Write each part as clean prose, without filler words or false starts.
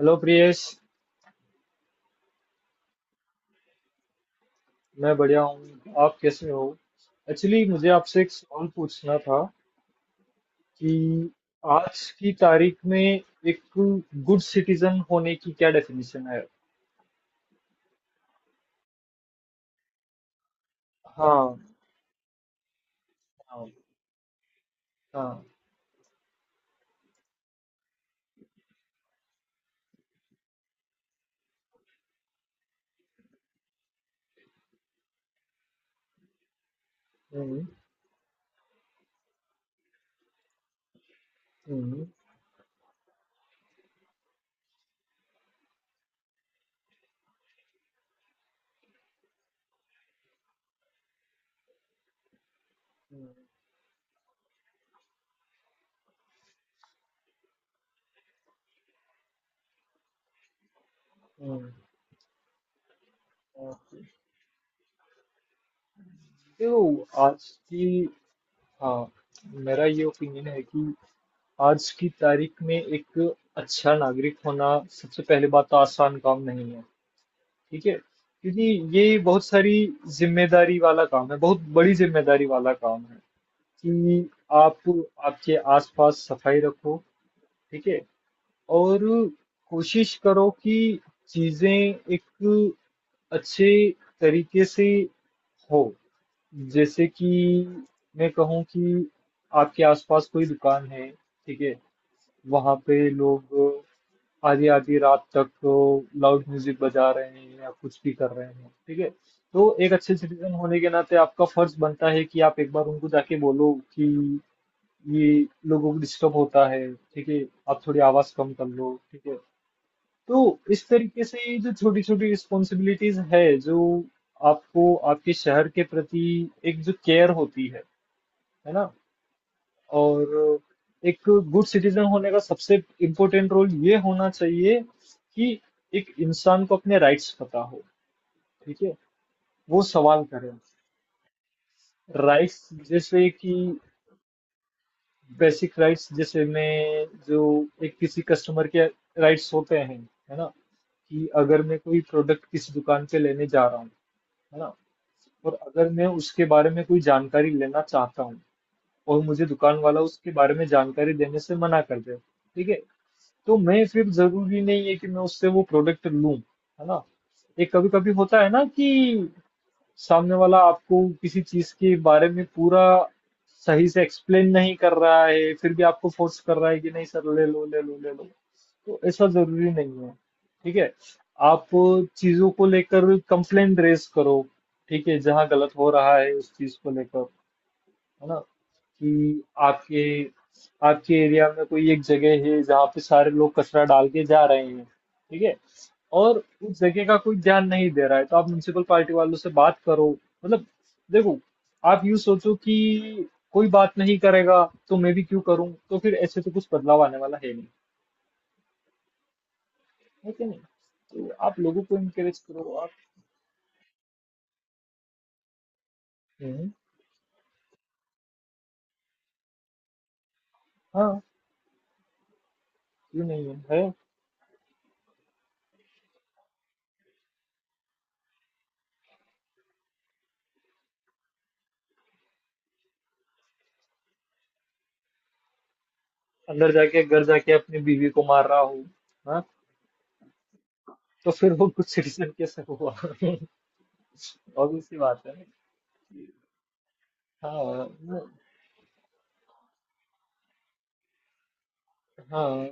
Hello Priyesh. मैं बढ़िया हूँ। आप कैसे हो? एक्चुअली मुझे आपसे एक सवाल पूछना था कि आज की तारीख में एक गुड सिटीजन होने की क्या डेफिनेशन है? हाँ, हाँ, हाँ। हम्म, हम्म, हम्म, हम्म, ओके। देखो। आज की हाँ, मेरा ये ओपिनियन है कि आज की तारीख में एक अच्छा नागरिक होना, सबसे पहले बात तो आसान काम नहीं है। ठीक है, क्योंकि ये बहुत सारी जिम्मेदारी वाला काम है, बहुत बड़ी जिम्मेदारी वाला काम है कि आप आपके आसपास सफाई रखो। ठीक है। और कोशिश करो कि चीजें एक अच्छे तरीके से हो। जैसे कि मैं कहूँ कि आपके आसपास कोई दुकान है, ठीक है, वहां पे लोग आधी आधी रात तक लाउड म्यूजिक बजा रहे हैं या कुछ भी कर रहे हैं, ठीक है, तो एक अच्छे सिटीजन होने के नाते आपका फर्ज बनता है कि आप एक बार उनको जाके बोलो कि ये लोगों को डिस्टर्ब होता है। ठीक है, आप थोड़ी आवाज कम कर लो। ठीक है। तो इस तरीके से ये जो छोटी छोटी रिस्पॉन्सिबिलिटीज है, जो आपको आपके शहर के प्रति एक जो केयर होती है ना। और एक गुड सिटीजन होने का सबसे इम्पोर्टेंट रोल ये होना चाहिए कि एक इंसान को अपने राइट्स पता हो। ठीक है, वो सवाल करे। राइट्स जैसे कि बेसिक राइट्स, जैसे में जो एक किसी कस्टमर के राइट्स होते हैं, है ना, कि अगर मैं कोई प्रोडक्ट किसी दुकान पे लेने जा रहा हूँ, है ना, और अगर मैं उसके बारे में कोई जानकारी लेना चाहता हूँ, और मुझे दुकान वाला उसके बारे में जानकारी देने से मना कर दे, ठीक है, तो मैं फिर जरूरी नहीं है कि मैं उससे वो प्रोडक्ट लूं, है ना। एक कभी कभी होता है ना कि सामने वाला आपको किसी चीज के बारे में पूरा सही से एक्सप्लेन नहीं कर रहा है, फिर भी आपको फोर्स कर रहा है कि नहीं सर, ले लो, ले लो, ले लो। तो ऐसा जरूरी नहीं है। ठीक है, आप चीजों को लेकर कंप्लेंट रेज करो। ठीक है, जहां गलत हो रहा है उस चीज को लेकर, है ना, कि आपके आपके एरिया में कोई एक जगह है जहाँ पे सारे लोग कचरा डाल के जा रहे हैं, ठीक है, और उस जगह का कोई ध्यान नहीं दे रहा है, तो आप म्युनिसिपल पार्टी वालों से बात करो। मतलब देखो, आप यूं सोचो कि कोई बात नहीं करेगा तो मैं भी क्यों करूं, तो फिर ऐसे तो कुछ बदलाव आने वाला है नहीं। है कि नहीं? तो आप लोगों को इनकरेज करो। आप हम्म, हाँ। क्यों नहीं है। अंदर जाके घर जाके अपनी बीवी को मार रहा हूँ, तो फिर वो गुड सिटीजन कैसे हुआ ऑब्वियस सी बात है। हाँ, हाँ,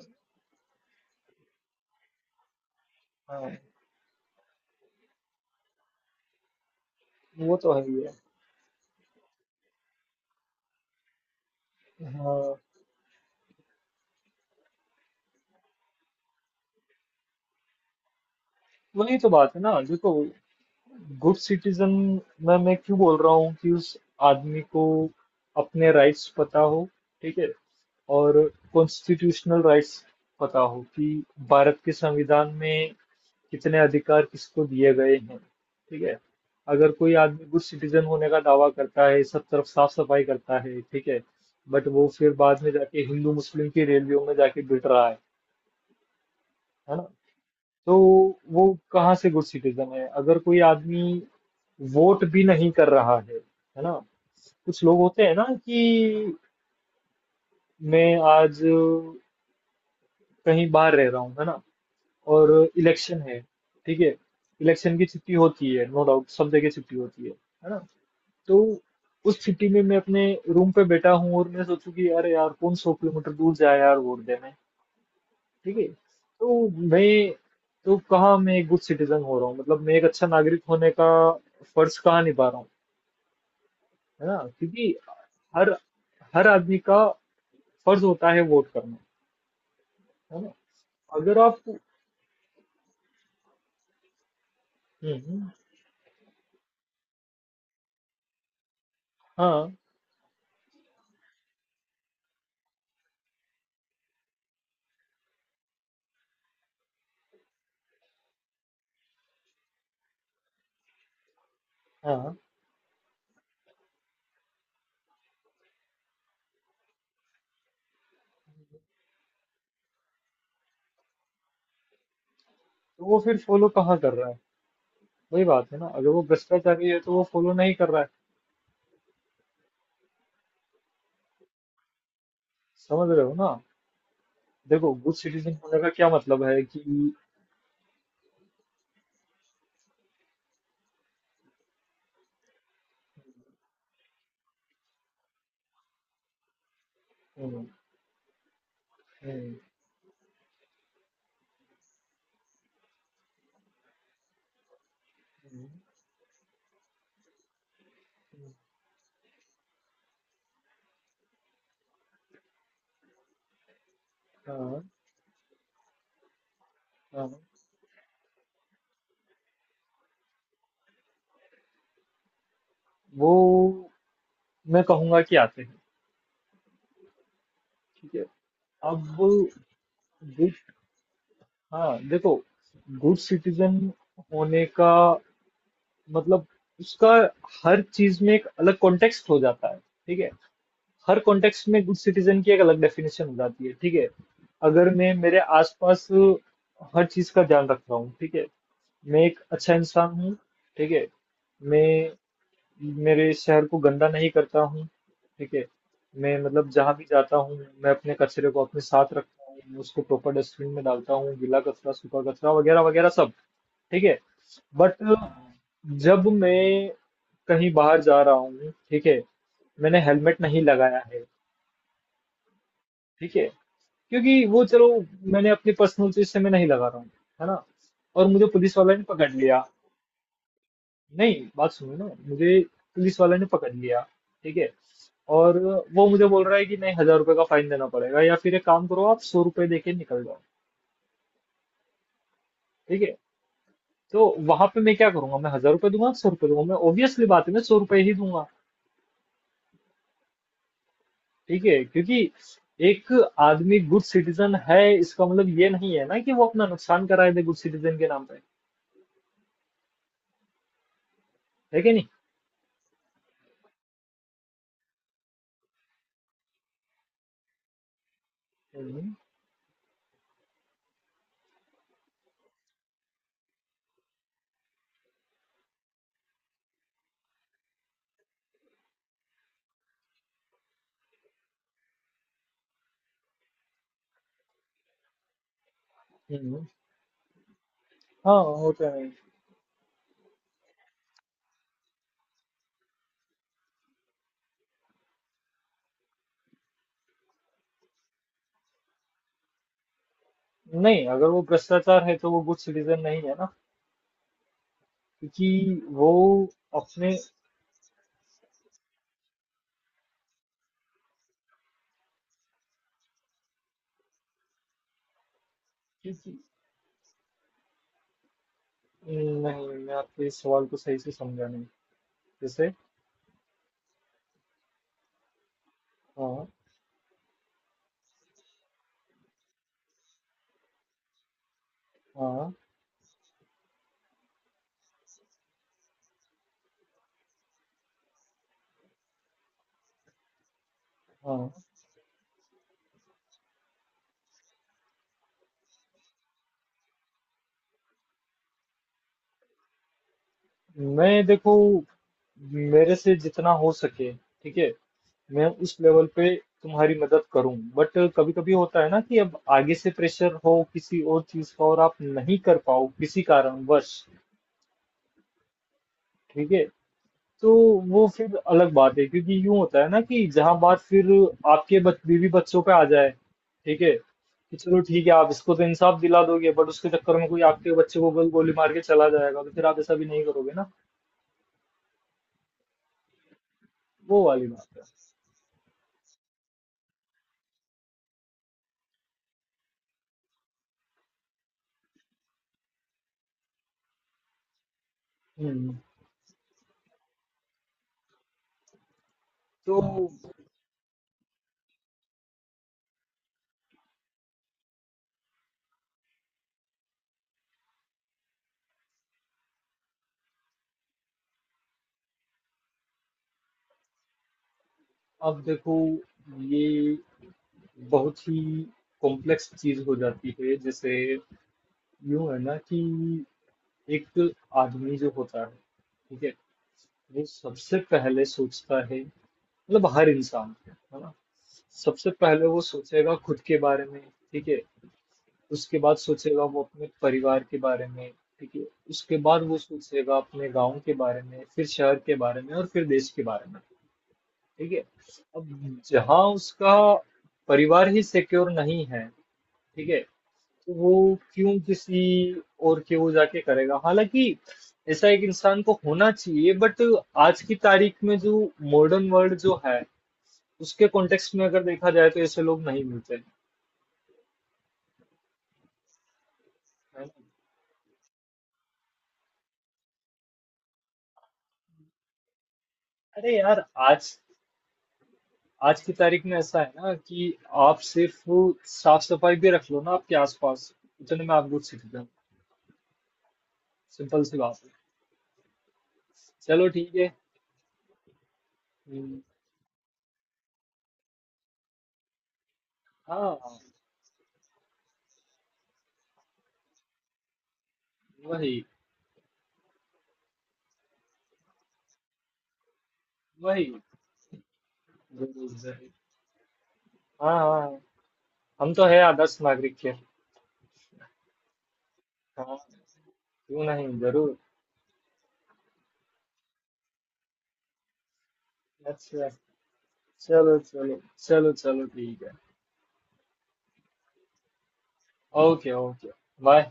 हाँ। वो तो है ही है। हाँ, वही तो बात है ना। देखो गुड सिटीजन में मैं क्यों बोल रहा हूँ कि उस आदमी को अपने राइट्स पता हो, ठीक है, और कॉन्स्टिट्यूशनल राइट्स पता हो कि भारत के संविधान में कितने अधिकार किसको दिए गए हैं। ठीक है, अगर कोई आदमी गुड सिटीजन होने का दावा करता है, सब तरफ साफ सफाई करता है, ठीक है, बट वो फिर बाद में जाके हिंदू मुस्लिम की रैलियों में जाके भिड़ रहा है ना, तो वो कहाँ से गुड सिटीजन है? अगर कोई आदमी वोट भी नहीं कर रहा है ना। कुछ लोग होते हैं ना कि मैं आज कहीं बाहर रह रहा हूँ, है ना, और इलेक्शन है, ठीक है, इलेक्शन की छुट्टी होती है, नो डाउट सब जगह छुट्टी होती है ना, तो उस छुट्टी में मैं अपने रूम पे बैठा हूँ, और मैं सोचूं कि अरे यार, कौन 100 किलोमीटर दूर जाए यार वोट देने, ठीक है, तो मैं तो कहाँ मैं एक गुड सिटीजन हो रहा हूँ? मतलब मैं एक अच्छा नागरिक होने का फर्ज कहाँ निभा रहा हूँ? है ना, क्योंकि हर हर आदमी का फर्ज होता है वोट करना, है ना। अगर आप हम्म, हाँ, हाँ, तो वो फिर फॉलो कहाँ कर रहा है? वही बात है ना, अगर वो भ्रष्टाचारी है तो वो फॉलो नहीं कर रहा है। समझ रहे हो ना? देखो गुड सिटीजन होने का क्या मतलब है कि हम्म, हम्म, हम्म, हाँ, हाँ। वो, मैं कहूंगा कि आते हैं। ठीक है। अब गुड हाँ, देखो, गुड सिटीजन होने का मतलब उसका, हर चीज में एक अलग कॉन्टेक्स्ट हो जाता है। ठीक है, हर कॉन्टेक्स्ट में गुड सिटीजन की एक अलग डेफिनेशन हो जाती है। ठीक है, अगर मैं मेरे आसपास हर चीज का ध्यान रख रहा हूँ, ठीक है, मैं एक अच्छा इंसान हूँ, ठीक है, मैं मेरे इस शहर को गंदा नहीं करता हूँ, ठीक है। मैं मतलब जहाँ भी जाता हूँ, मैं अपने कचरे को अपने साथ रखता हूँ, मैं उसको प्रॉपर डस्टबिन में डालता हूँ, गीला कचरा, सूखा कचरा वगैरह वगैरह सब, ठीक है। बट जब मैं कहीं बाहर जा रहा हूँ, ठीक है, मैंने हेलमेट नहीं लगाया है, ठीक है, क्योंकि वो चलो, मैंने अपनी पर्सनल चीज से मैं नहीं लगा रहा हूँ, है ना। और मुझे पुलिस वाले ने पकड़ लिया, नहीं बात सुनो ना, मुझे पुलिस वाला ने पकड़ लिया, ठीक है, और वो मुझे बोल रहा है कि नहीं, 1,000 रुपए का फाइन देना पड़ेगा, या फिर एक काम करो, आप 100 रुपए देके निकल जाओ। ठीक है, तो वहां पे मैं क्या करूंगा? मैं 1,000 रुपए दूंगा, 100 रुपए दूंगा? मैं ऑब्वियसली बात है, मैं 100 रुपए ही दूंगा। ठीक है, क्योंकि एक आदमी गुड सिटीजन है इसका मतलब ये नहीं है ना कि वो अपना नुकसान कराए दे गुड सिटीजन के नाम पे। है कि नहीं? हम्म, हम्म, हाँ, होता है। नहीं, अगर वो भ्रष्टाचार है तो वो गुड सिटीजन नहीं है ना, क्योंकि वो अपने नहीं, मैं आपके इस सवाल को सही से समझा नहीं। जैसे हाँ, हाँ, हाँ, मैं देखो मेरे से जितना हो सके, ठीक है, मैं उस लेवल पे तुम्हारी मदद करूं, बट कभी कभी होता है ना कि अब आगे से प्रेशर हो किसी और चीज का और आप नहीं कर पाओ किसी कारणवश, ठीक है, तो वो फिर अलग बात है, क्योंकि यूं होता है ना कि जहां बात फिर आपके बीवी बच्चों पे आ जाए, ठीक है, कि चलो ठीक है आप इसको तो इंसाफ दिला दोगे, बट उसके चक्कर में कोई आपके बच्चे को गोली मार के चला जाएगा, तो फिर आप ऐसा भी नहीं करोगे ना। वो वाली बात है। हम्म तो अब देखो, ये बहुत ही कॉम्प्लेक्स चीज हो जाती है। जैसे यूं है ना कि एक आदमी जो होता है, ठीक है, ये सबसे पहले सोचता है, मतलब हर इंसान है ना, सबसे पहले वो सोचेगा खुद के बारे में, ठीक है, उसके बाद सोचेगा वो अपने परिवार के बारे में, ठीक है, उसके बाद वो सोचेगा अपने गांव के बारे में, फिर शहर के बारे में, और फिर देश के बारे में। ठीक है, अब जहां उसका परिवार ही सिक्योर नहीं है, ठीक है, तो वो क्यों किसी और के वो जाके करेगा? हालांकि ऐसा एक इंसान को होना चाहिए, बट आज की तारीख में जो मॉडर्न वर्ल्ड जो है, उसके कॉन्टेक्स्ट में अगर देखा जाए तो ऐसे लोग नहीं मिलते हैं। है ना? अरे यार, आज आज की तारीख में ऐसा है ना कि आप सिर्फ साफ सफाई भी रख लो ना आपके आसपास, उतने में आप गुड सिटीजन। सिंपल सी बात है। चलो ठीक है। हम्म, हाँ, वही, वही। जरूर, जरूर। हाँ, हाँ। हम तो है आदर्श नागरिक के। हाँ, क्यों नहीं, जरूर। अच्छा, चलो, चलो, चलो, चलो, ठीक है। Okay, okay. बाय।